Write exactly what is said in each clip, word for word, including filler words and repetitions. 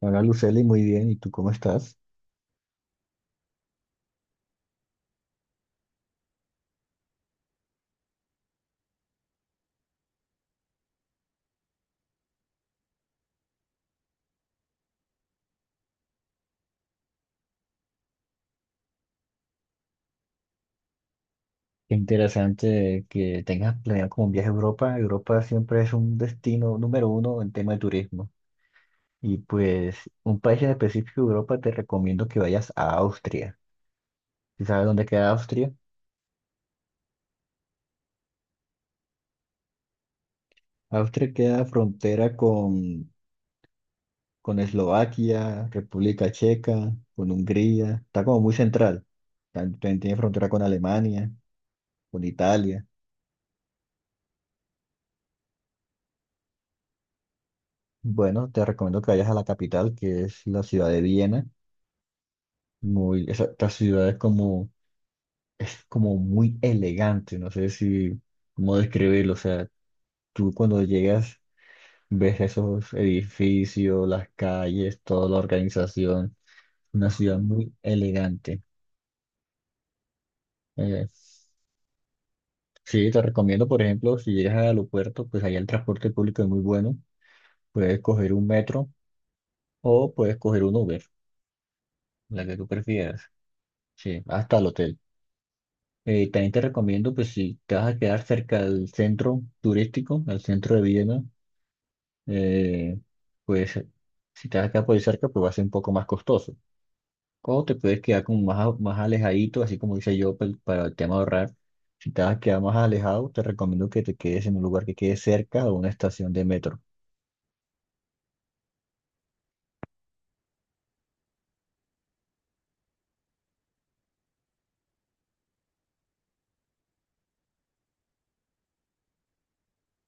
Hola Lucely, muy bien. ¿Y tú cómo estás? Qué interesante que tengas planeado como un viaje a Europa. Europa siempre es un destino número uno en tema de turismo. Y pues un país en específico de Europa te recomiendo que vayas a Austria. ¿Sí sabes dónde queda Austria? Austria queda frontera con, con Eslovaquia, República Checa, con Hungría. Está como muy central. También tiene frontera con Alemania, con Italia. Bueno, te recomiendo que vayas a la capital, que es la ciudad de Viena muy, esa, esta ciudad es como, es como muy elegante, no sé si, cómo describirlo, o sea, tú cuando llegas ves esos edificios, las calles, toda la organización, una ciudad muy elegante. Eh, sí, te recomiendo, por ejemplo, si llegas al aeropuerto, pues allá el transporte público es muy bueno, puedes coger un metro o puedes coger un Uber, la que tú prefieras, sí, hasta el hotel. Eh, también te recomiendo, pues si te vas a quedar cerca del centro turístico, al centro de Viena, eh, pues si te vas a quedar por ahí cerca, pues va a ser un poco más costoso. O te puedes quedar como más, a- más alejadito, así como dice yo, pa- para el tema de ahorrar. Si te vas a quedar más alejado, te recomiendo que te quedes en un lugar que quede cerca de una estación de metro.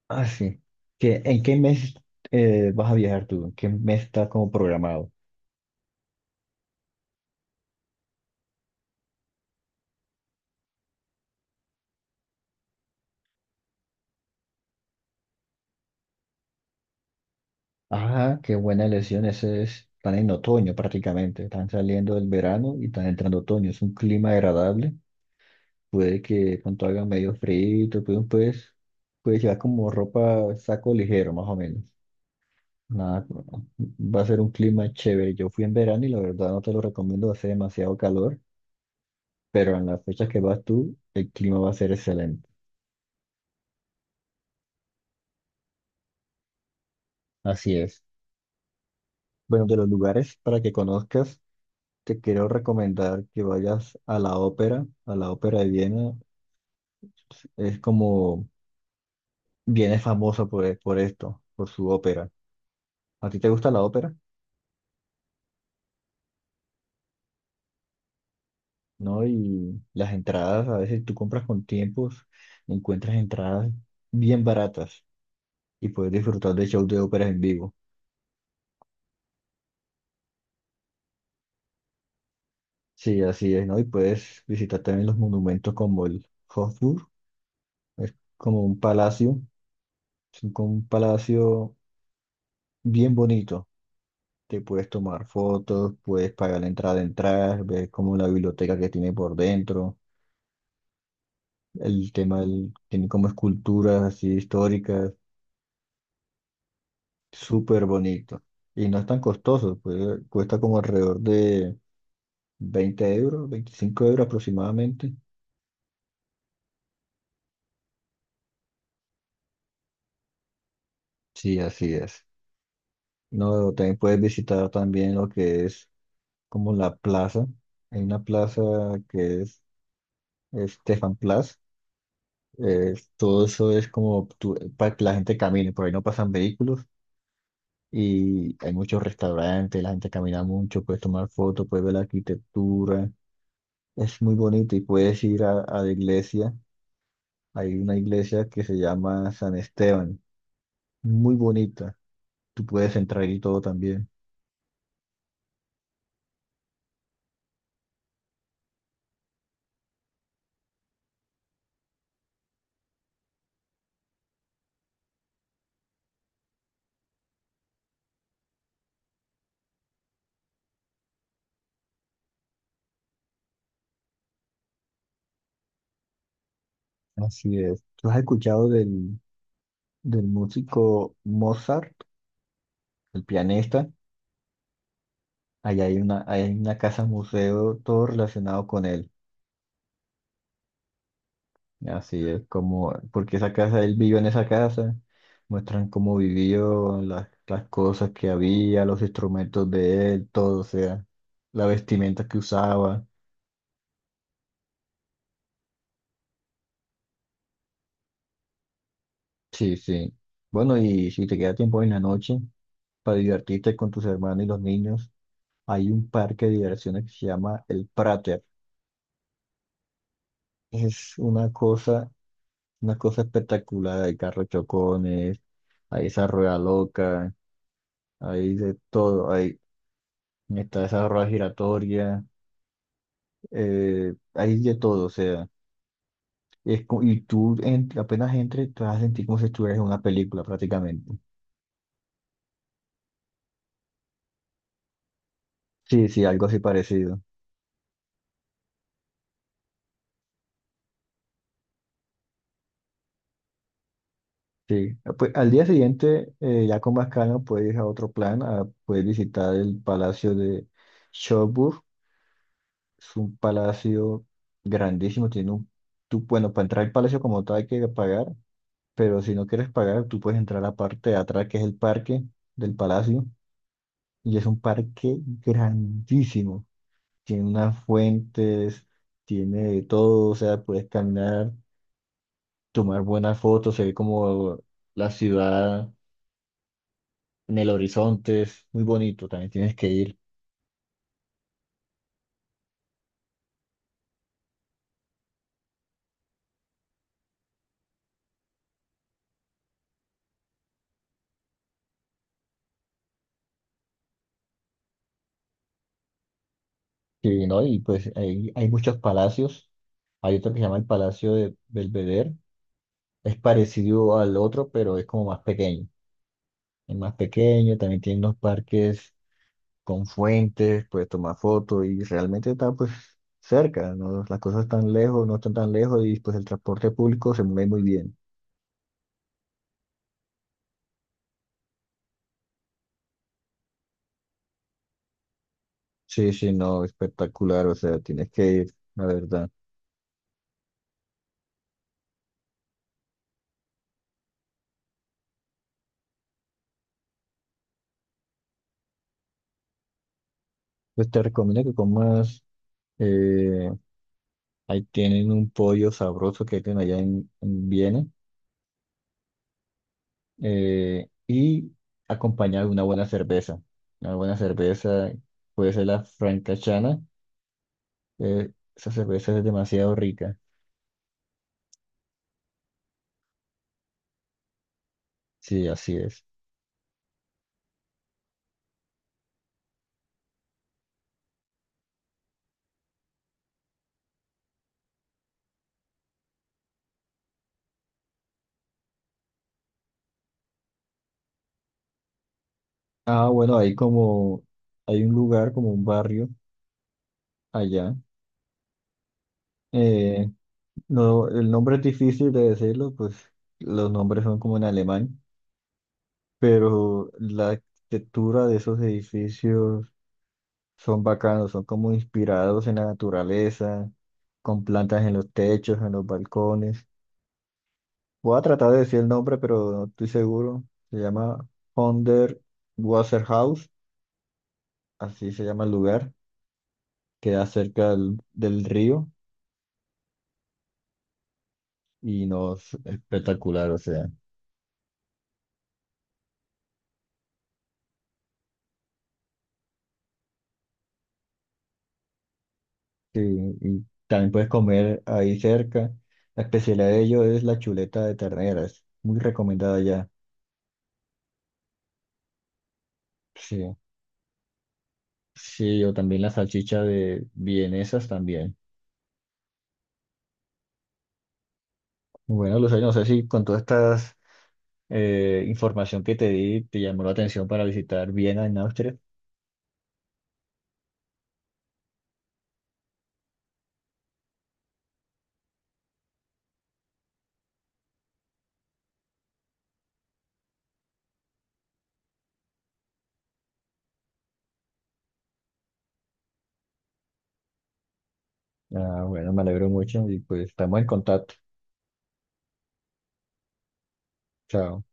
Ah, sí. ¿Qué- ¿en qué mes eh, vas a viajar tú? ¿En qué mes está como programado? Ah, qué buena elección. Ese es, están en otoño prácticamente. Están saliendo del verano y están entrando otoño. Es un clima agradable. Puede que cuanto haga medio frío, pues, pues, puedes llevar como ropa, saco ligero, más o menos. Nada, va a ser un clima chévere. Yo fui en verano y la verdad no te lo recomiendo, hace demasiado calor, pero en las fechas que vas tú, el clima va a ser excelente. Así es. Bueno, de los lugares para que conozcas, te quiero recomendar que vayas a la ópera, a la ópera de Viena. Es como, bien es famoso por, e, por esto, por su ópera. ¿A ti te gusta la ópera? ¿No? Y las entradas, a veces tú compras con tiempos, encuentras entradas bien baratas y puedes disfrutar de shows de óperas en vivo. Sí, así es, ¿no? Y puedes visitar también los monumentos como el Hofburg, es como un palacio, es un- como un palacio bien bonito. Te puedes tomar fotos, puedes pagar la entrada de entrar, ves como la biblioteca que tiene por dentro. El tema del- tiene como esculturas así históricas, súper bonito. Y no es tan costoso, pues cuesta como alrededor de veinte euros, veinticinco euros aproximadamente. Sí, así es. No, también puedes visitar también lo que es como la plaza. Hay una plaza que es Stefan Plaza. Eh, todo eso es como tu- para que la gente camine, por ahí no pasan vehículos y hay muchos restaurantes, la gente camina mucho, puedes tomar fotos, puedes ver la arquitectura. Es muy bonito y puedes ir a, a la iglesia. Hay una iglesia que se llama San Esteban, muy bonita. Tú puedes entrar y todo también. Así es. ¿Tú has escuchado del, del músico Mozart, el pianista? Allá hay una, hay una casa museo, todo relacionado con él. Así es como, porque esa casa, él vivió en esa casa, muestran cómo vivió, las, las cosas que había, los instrumentos de él, todo, o sea, la vestimenta que usaba. Sí, sí. Bueno, y si te queda tiempo en la noche para divertirte con tus hermanos y los niños, hay un parque de diversiones que se llama el Prater. Es una cosa, una cosa espectacular. Hay carros chocones, hay esa rueda loca, hay de todo. Hay, está esa rueda giratoria, eh, hay de todo. O sea, es, co- y tú en- apenas entres, te vas a sentir como si estuvieras en una película prácticamente. Sí, sí, algo así parecido. Sí, ah, pues al día siguiente, eh, ya con más calma, puedes ir a otro plan, a poder visitar el Palacio de Schönburg. Es un palacio grandísimo, tiene un... Tú, bueno, para entrar al palacio como tal hay que pagar, pero si no quieres pagar, tú puedes entrar a la parte de atrás, que es el parque del palacio, y es un parque grandísimo. Tiene unas fuentes, tiene de todo, o sea, puedes caminar, tomar buenas fotos, se ve como la ciudad en el horizonte, es muy bonito, también tienes que ir. Sí, ¿no? Y pues hay, hay muchos palacios. Hay otro que se llama el Palacio de Belvedere. Es parecido al otro, pero es como más pequeño. Es más pequeño, también tiene unos parques con fuentes, puedes tomar fotos y realmente está pues cerca, ¿no? Las cosas están lejos, no están tan lejos y pues el transporte público se mueve muy bien. Sí, sí, no, espectacular, o sea, tienes que ir, la verdad. Pues te recomiendo que comas eh, ahí tienen un pollo sabroso que tienen allá en, en Viena, eh, y acompañado de una buena cerveza. Una buena cerveza puede ser la francachana. Eh, esa cerveza es demasiado rica. Sí, así es. Ah, bueno, hay como, hay un lugar, como un barrio allá. eh, no, el nombre es difícil de decirlo, pues los nombres son como en alemán, pero la arquitectura de esos edificios son bacanos, son como inspirados en la naturaleza, con plantas en los techos, en los balcones. Voy a tratar de decir el nombre, pero no estoy seguro. Se llama Honder Wasserhaus, así se llama el lugar. Queda cerca del, del río y no es espectacular, o sea. Sí, y también puedes comer ahí cerca. La especialidad de ellos es la chuleta de ternera, es muy recomendada ya. Sí, sí, o también la salchicha de vienesas también. Bueno, Lucía, no sé si con toda esta información que te di te llamó la atención para visitar Viena en Austria. Ah, bueno, me alegro mucho y pues estamos en contacto. Chao.